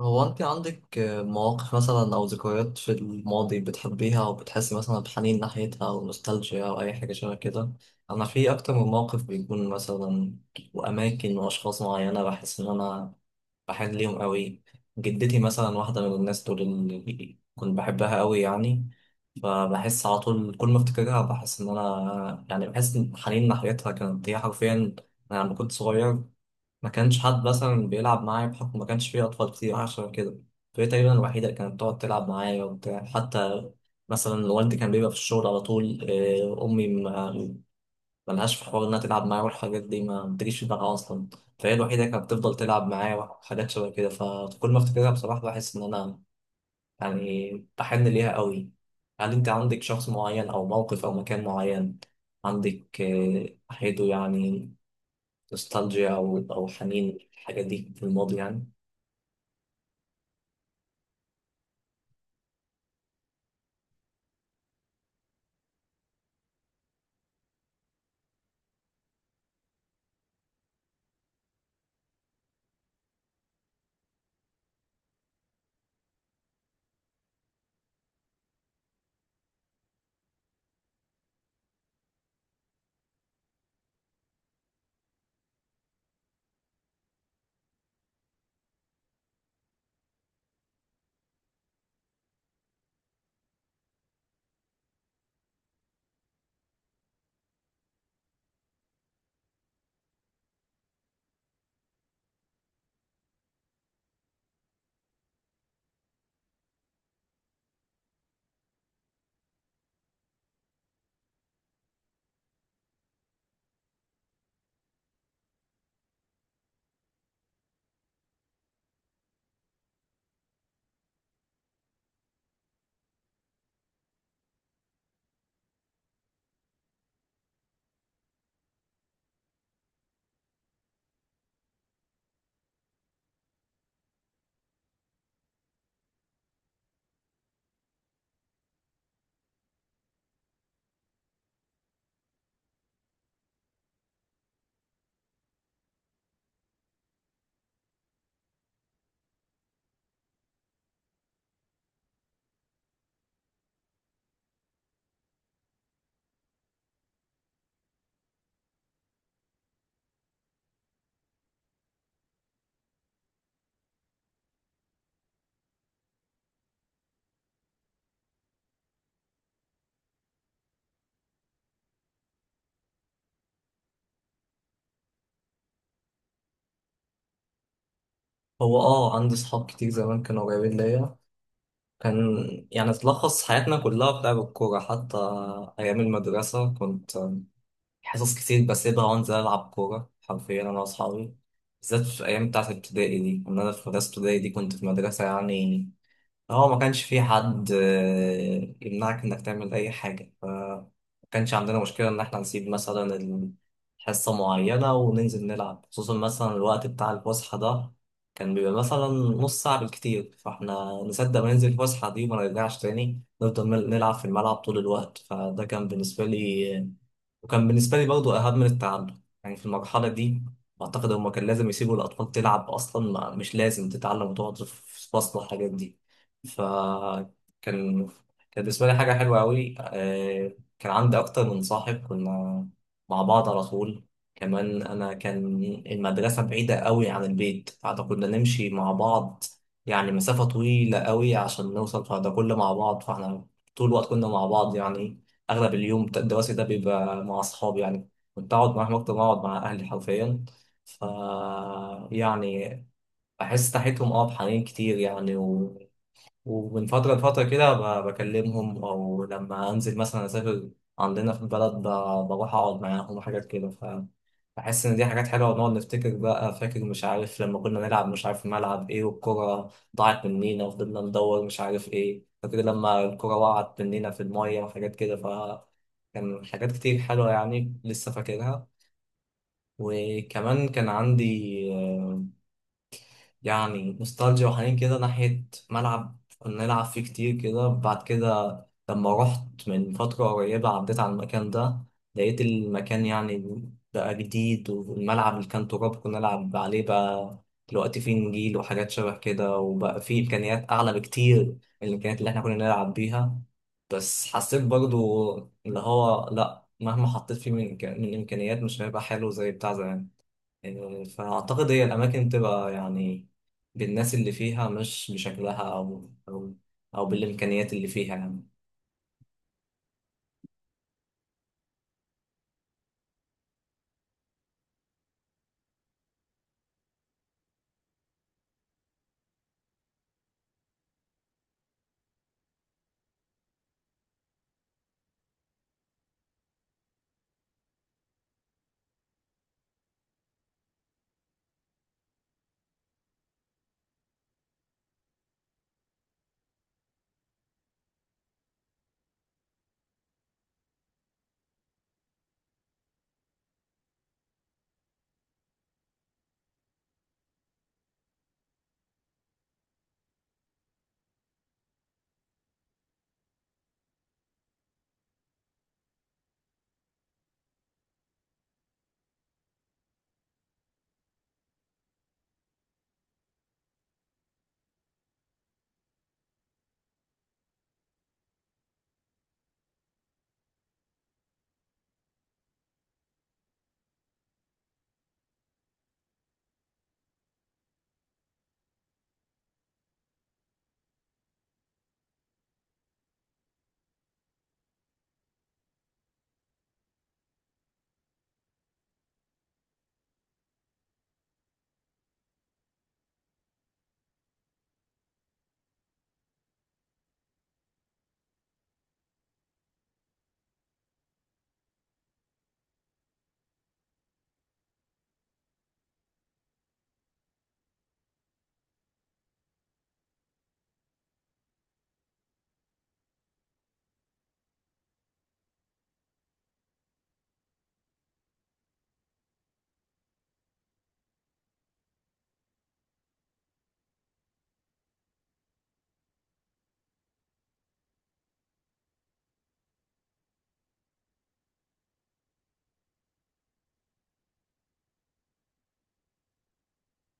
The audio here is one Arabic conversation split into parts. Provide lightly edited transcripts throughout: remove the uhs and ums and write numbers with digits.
هو انت عندك مواقف مثلا او ذكريات في الماضي بتحبيها او بتحسي مثلا بحنين ناحيتها او نوستالجيا او اي حاجه شبه كده؟ انا في اكتر من موقف بيكون مثلا، واماكن واشخاص معينه بحس ان انا بحن ليهم قوي. جدتي مثلا واحده من الناس دول اللي كنت بحبها قوي يعني، فبحس على طول كل ما افتكرها بحس ان انا يعني بحس ان الحنين ناحيتها كانت هي حرفيا. انا لما كنت صغير ما كانش حد مثلا بيلعب معايا بحكم ما كانش فيه أطفال كتير عشان كده، فهي تقريبا الوحيدة اللي كانت بتقعد تلعب معايا وبتاع، حتى مثلا والدي كان بيبقى في الشغل على طول. أمي ملهاش في حوار إنها تلعب معايا والحاجات دي ما بتجيش في دماغها أصلا. فهي الوحيدة اللي كانت بتفضل تلعب معايا وحاجات شبه كده، فكل ما أفتكرها بصراحة بحس إن أنا يعني بحن ليها قوي. هل أنت عندك شخص معين أو موقف أو مكان معين عندك ناحيته يعني نوستالجيا أو حنين الحاجة دي في الماضي يعني؟ هو عندي صحاب كتير زمان كانوا قريبين ليا. كان يعني تلخص حياتنا كلها في لعب الكورة. حتى أيام المدرسة كنت حصص كتير بسيبها وأنزل ألعب كورة حرفيا أنا وأصحابي، بالذات في الأيام بتاعت الابتدائي دي، إن أنا في مدرسة ابتدائي دي كنت في مدرسة يعني. هو ما كانش في حد يمنعك انك تعمل اي حاجة، ف ما كانش عندنا مشكلة ان احنا نسيب مثلا حصة معينة وننزل نلعب، خصوصا مثلا الوقت بتاع الفسحة ده كان بيبقى مثلا نص ساعة بالكتير، فاحنا نصدق ما ننزل الفسحة دي وما نرجعش تاني، نفضل نلعب في الملعب طول الوقت. فده كان بالنسبة لي، وكان بالنسبة لي برضه أهم من التعلم يعني في المرحلة دي. أعتقد هما كان لازم يسيبوا الأطفال تلعب أصلا، ما مش لازم تتعلم وتقعد في فصل والحاجات دي. فكان كان كان بالنسبة لي حاجة حلوة أوي. كان عندي أكتر من صاحب كنا مع بعض على طول. كمان أنا كان المدرسة بعيدة أوي عن البيت، فده كنا نمشي مع بعض يعني مسافة طويلة أوي عشان نوصل، فده كله مع بعض، فاحنا طول الوقت كنا مع بعض يعني. أغلب اليوم الدراسي ده بيبقى مع أصحابي يعني، كنت أقعد معاهم أكتر ما أقعد مع أهلي حرفيا. ف يعني بحس ناحيتهم بحنين كتير يعني، ومن فترة لفترة كده بكلمهم، أو لما أنزل مثلا أسافر عندنا في البلد بروح أقعد معاهم وحاجات كده. بحس ان دي حاجات حلوه، ونقعد نفتكر بقى، فاكر مش عارف لما كنا نلعب مش عارف في ملعب ايه والكره ضاعت مننا وفضلنا ندور مش عارف ايه، فاكر لما الكره وقعت مننا في الميه وحاجات كده. ف كان حاجات كتير حلوه يعني لسه فاكرها. وكمان كان عندي آه، يعني نوستالجيا وحنين كده ناحيه ملعب كنا نلعب فيه كتير كده. بعد كده لما رحت من فترة قريبة عديت على المكان ده، لقيت المكان يعني بقى جديد، والملعب اللي كان تراب كنا نلعب عليه بقى دلوقتي فيه نجيل وحاجات شبه كده، وبقى فيه إمكانيات أعلى بكتير من الإمكانيات اللي إحنا كنا نلعب بيها. بس حسيت برضو اللي هو لأ، مهما حطيت فيه من من إمكانيات مش هيبقى حلو زي بتاع زمان يعني. فأعتقد هي الأماكن تبقى يعني بالناس اللي فيها، مش بشكلها، أو أو بالإمكانيات اللي فيها يعني.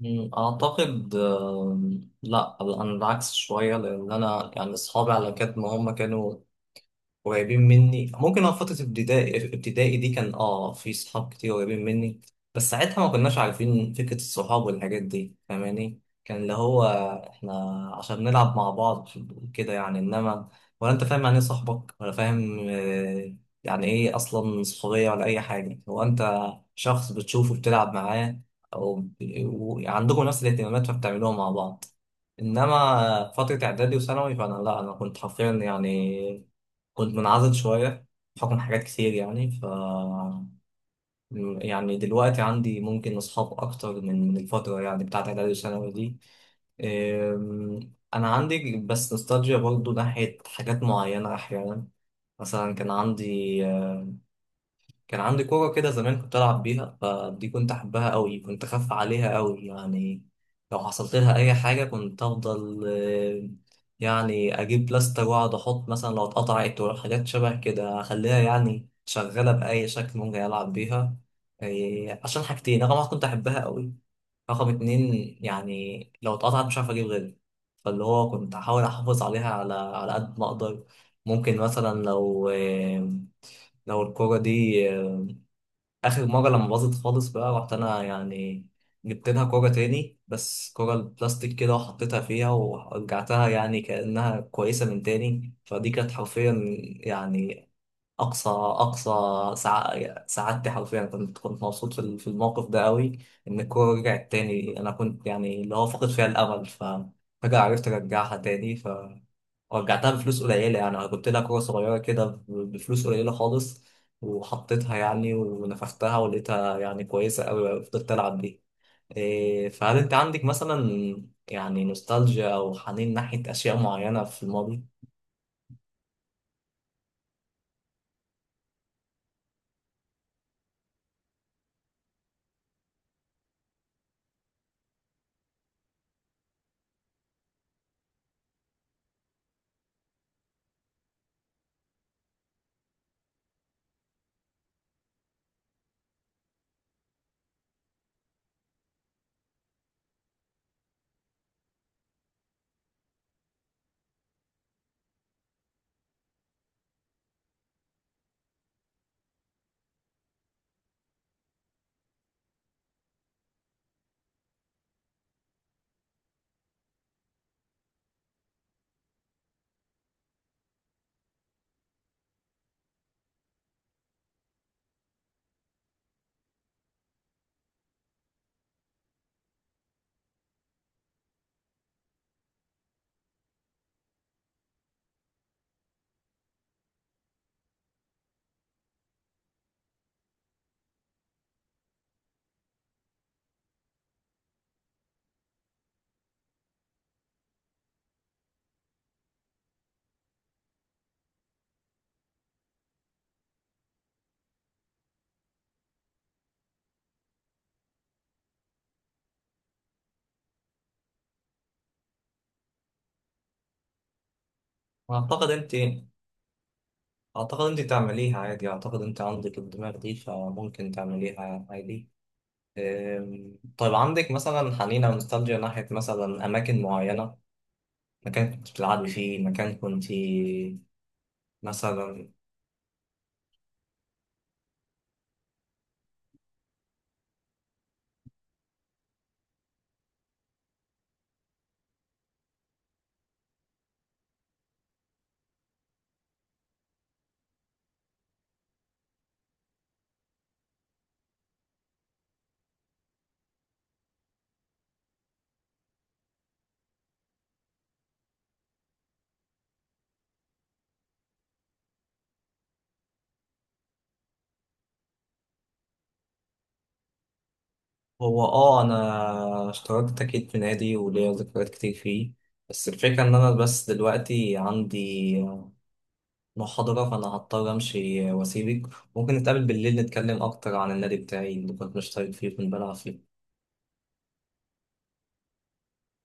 أعتقد لا، أنا العكس شوية، لأن أنا يعني أصحابي على قد ما هم كانوا قريبين مني ممكن، فترة ابتدائي ابتدائي دي كان في صحاب كتير قريبين مني، بس ساعتها ما كناش عارفين فكرة الصحاب والحاجات دي، فاهماني كان اللي هو احنا عشان نلعب مع بعض كده يعني، انما ولا انت فاهم يعني ايه صاحبك، ولا فاهم يعني ايه اصلا صحوبية ولا اي حاجة. هو انت شخص بتشوفه بتلعب معاه او ب- عندكم نفس الاهتمامات فبتعملوها مع بعض. انما فترة اعدادي وثانوي فانا لا انا كنت حرفيا يعني كنت منعزل شوية بحكم حاجات كتير يعني. ف يعني دلوقتي عندي ممكن أصحاب أكتر من الفترة يعني بتاعت إعدادي وثانوي دي. أنا عندي بس نوستالجيا برضو ناحية حاجات معينة أحيانا. مثلا كان عندي كورة كده زمان كنت ألعب بيها، فدي كنت أحبها أوي، كنت أخاف عليها أوي يعني. لو حصلت لها أي حاجة كنت أفضل يعني أجيب بلاستر وأقعد أحط، مثلا لو اتقطعت ولا حاجات شبه كده أخليها يعني شغالة بأي شكل ممكن ألعب بيها. عشان حاجتين، رقم واحد كنت أحبها أوي، رقم اتنين يعني لو اتقطعت مش عارف أجيب غيرها، فاللي هو كنت أحاول أحافظ عليها على قد ما أقدر. ممكن مثلا لو الكورة دي، اخر مره لما باظت خالص بقى رحت انا يعني جبت لها كوره تاني، بس كوره البلاستيك كده وحطيتها فيها ورجعتها يعني كانها كويسه من تاني. فدي كانت حرفيا يعني اقصى سعادتي حرفيا، كنت مبسوط في الموقف ده قوي. ان الكوره رجعت تاني انا كنت يعني اللي هو فاقد فيها الامل، فجأة عرفت ارجعها تاني ورجعتها بفلوس قليلة. يعني أنا جبت لها كورة صغيرة كده بفلوس قليلة خالص، وحطيتها يعني ونفختها ولقيتها يعني كويسة أوي وفضلت ألعب بيها. إيه، فهل أنت عندك مثلا يعني نوستالجيا أو حنين ناحية أشياء معينة في الماضي؟ أعتقد أنت أعتقد أنت تعمليها عادي، أعتقد أنت عندك الدماغ دي فممكن تعمليها عادي. إيه، طيب عندك مثلا حنين أو نوستالجيا ناحية مثلا أماكن معينة، مكان كنت بتلعبي فيه، مكان كنت مثلا. هو انا اشتركت اكيد في نادي وليا ذكريات كتير فيه. بس الفكره ان انا بس دلوقتي عندي محاضره فانا هضطر امشي واسيبك. ممكن نتقابل بالليل نتكلم اكتر عن النادي بتاعي اللي كنت مشترك فيه وكنت بلعب فيه.